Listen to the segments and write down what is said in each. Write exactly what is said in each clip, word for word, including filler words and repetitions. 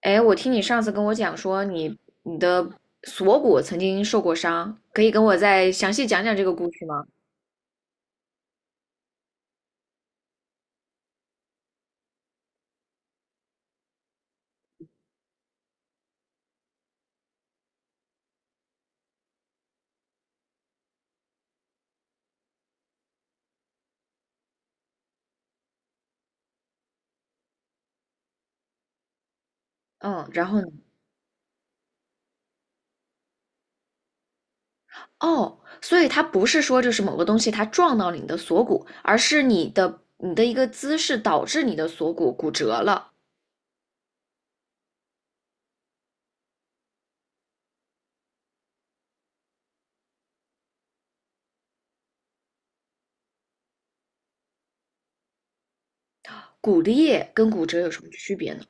哎，我听你上次跟我讲说你你的锁骨曾经受过伤，可以跟我再详细讲讲这个故事吗？嗯，然后呢？哦，所以它不是说就是某个东西它撞到了你的锁骨，而是你的你的一个姿势导致你的锁骨骨折了。骨裂跟骨折有什么区别呢？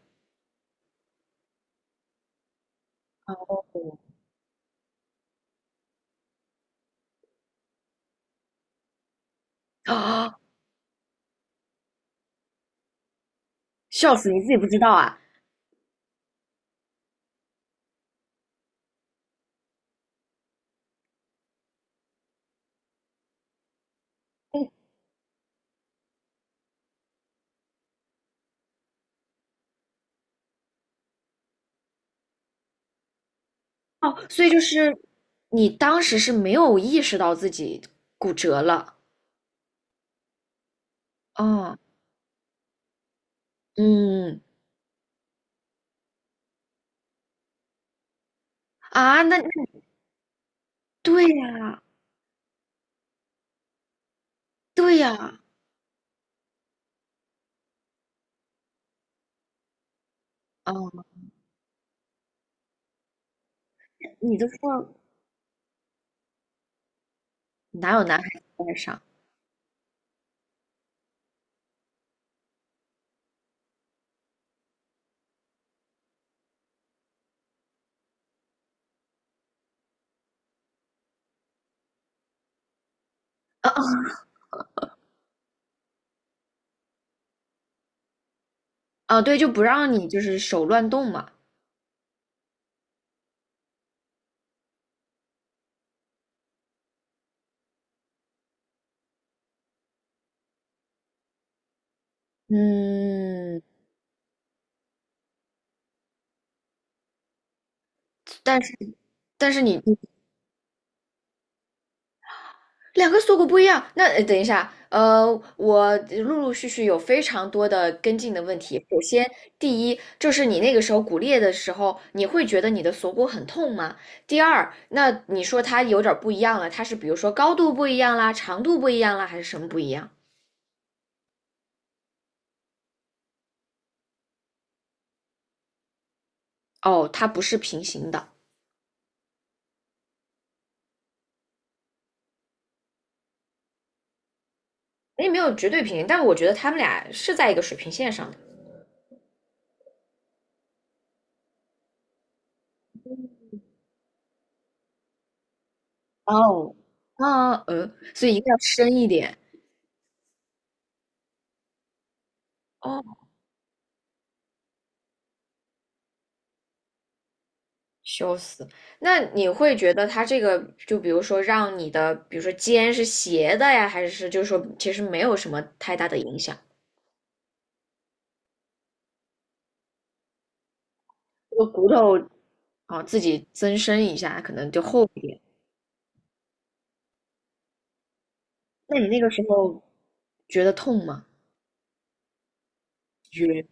啊，笑死，你自己不知道啊？嗯。哦，所以就是你当时是没有意识到自己骨折了。哦，嗯，啊，那对呀，对呀。哦，你都说哪有男孩子不爱上？啊！哦哦对，就不让你就是手乱动嘛。嗯，但是但是你你两个锁骨不一样，那呃等一下，呃，我陆陆续续有非常多的跟进的问题。首先，第一，就是你那个时候骨裂的时候，你会觉得你的锁骨很痛吗？第二，那你说它有点儿不一样了，它是比如说高度不一样啦，长度不一样啦，还是什么不一样？哦，它不是平行的。也没有绝对平行，但我觉得他们俩是在一个水平线上的。哦，啊，嗯，所以一定要深一点。哦，笑死！那你会觉得他这个，就比如说让你的，比如说肩是斜的呀，还是就是说其实没有什么太大的影响？这个骨头，哦，自己增生一下，可能就厚一点。那你那个时候觉得痛吗？觉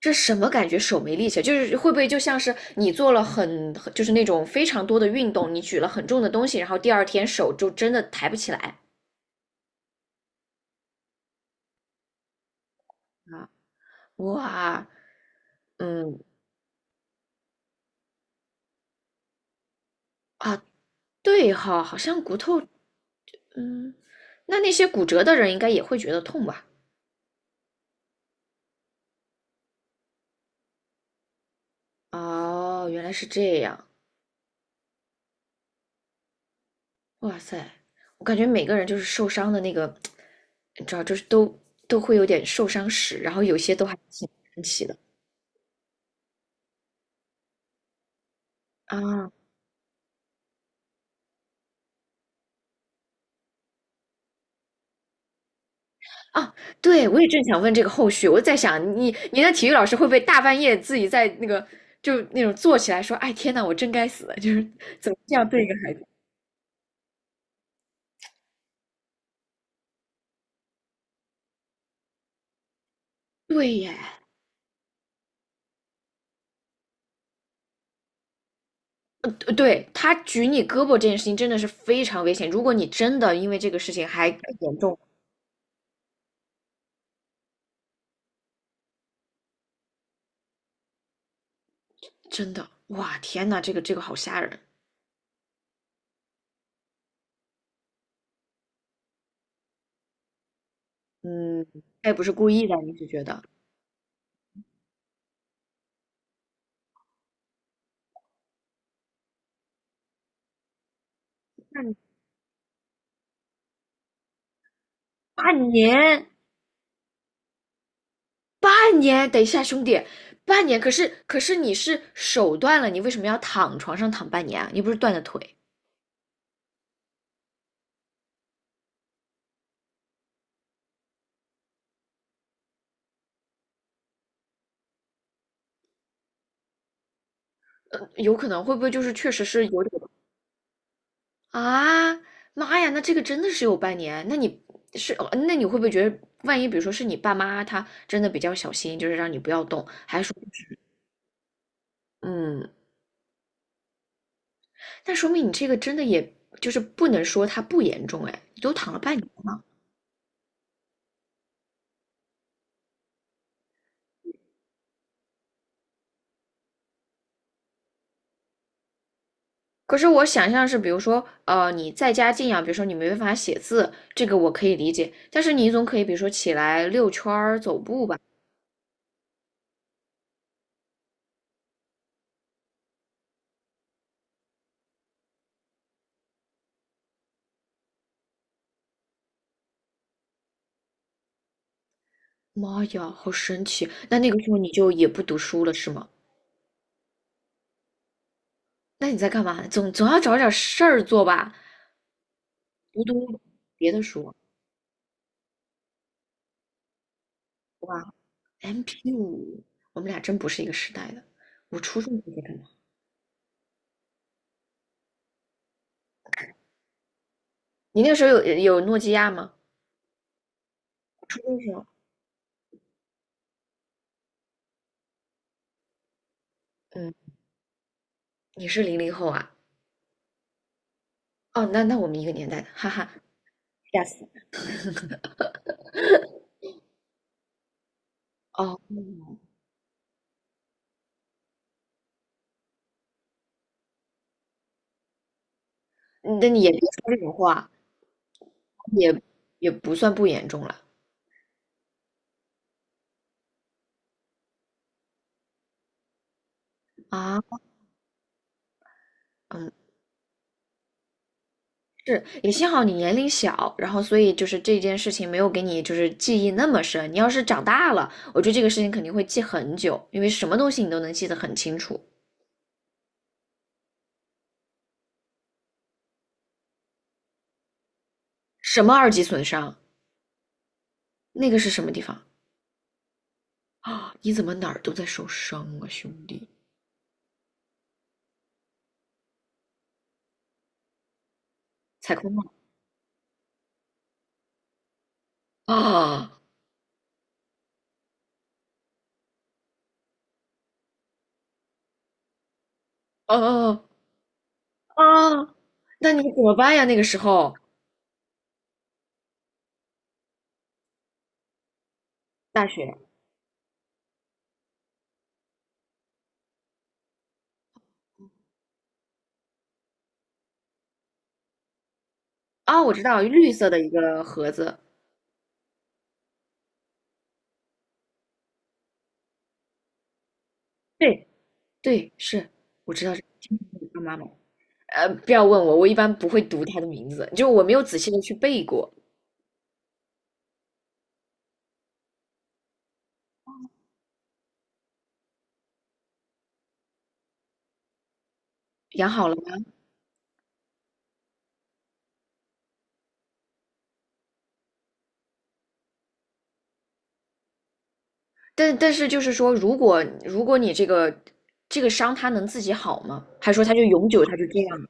这什么感觉？手没力气，就是会不会就像是你做了很，就是那种非常多的运动，你举了很重的东西，然后第二天手就真的抬不起来啊？哇，嗯。啊，对哈，好像骨头，嗯，那那些骨折的人应该也会觉得痛吧？哦，原来是这样。哇塞，我感觉每个人就是受伤的那个，你知道，就是都都会有点受伤史，然后有些都还挺神奇的啊。啊，对，我也正想问这个后续，我在想你你的体育老师会不会大半夜自己在那个就那种坐起来说，哎天呐，我真该死，就是怎么这样对一个孩子？对耶，呃，对，他举你胳膊这件事情真的是非常危险，如果你真的因为这个事情还更严重，真的，哇，天呐，这个这个好吓人，嗯，他也不是故意的，你是觉得那你年。半年，等一下，兄弟，半年，可是可是你是手断了，你为什么要躺床上躺半年啊？你不是断了腿？呃，有可能会不会就是确实是有点啊？妈呀，那这个真的是有半年？那你是哦那你会不会觉得，万一比如说是你爸妈他真的比较小心，就是让你不要动，嗯，那说明你这个真的也就是不能说它不严重，哎，你都躺了半年。可是我想象是，比如说，呃，你在家静养，比如说你没办法写字，这个我可以理解。但是你总可以，比如说起来遛圈儿、走步吧。妈呀，好神奇！那那个时候你就也不读书了，是吗？那你在干嘛？总总要找点事儿做吧，读读别的书。哇，M P 五，我们俩真不是一个时代的。我初中时候在干嘛？你那个时候有有诺基亚吗？初中时候，嗯，你是零零后啊？哦，那那我们一个年代的，哈哈，吓死！哦，那你也别说这种话，也也不算不严重了啊。嗯，是，也幸好你年龄小，然后所以就是这件事情没有给你就是记忆那么深。你要是长大了，我觉得这个事情肯定会记很久，因为什么东西你都能记得很清楚。什么二级损伤？那个是什么地方啊？你怎么哪儿都在受伤啊，兄弟？踩空了。啊。啊！啊！那你怎么办呀？那个时候大学啊，我知道绿色的一个盒子。对，对，是，我知道这个妈妈嘛。呃，不要问我，我一般不会读她的名字，就我没有仔细的去背过。养好了吗？但但是就是说，如果如果你这个这个伤它能自己好吗？还说它就永久它就这样了？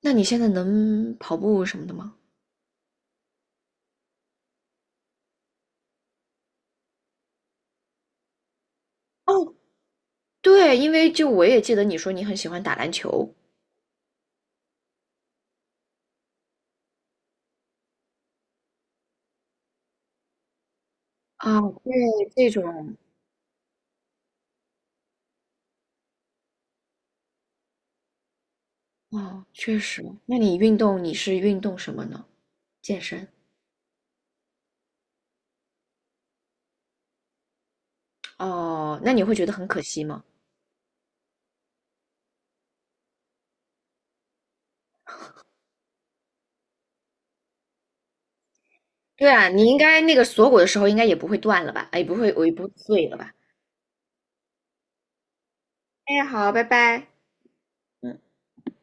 那你现在能跑步什么的吗？哦，对，因为就我也记得你说你很喜欢打篮球啊，对，这种哦，确实。那你运动你是运动什么呢？健身？哦，那你会觉得很可惜吗？对啊，你应该那个锁骨的时候应该也不会断了吧？哎，也不会，我也不会碎了吧？哎，好，拜拜。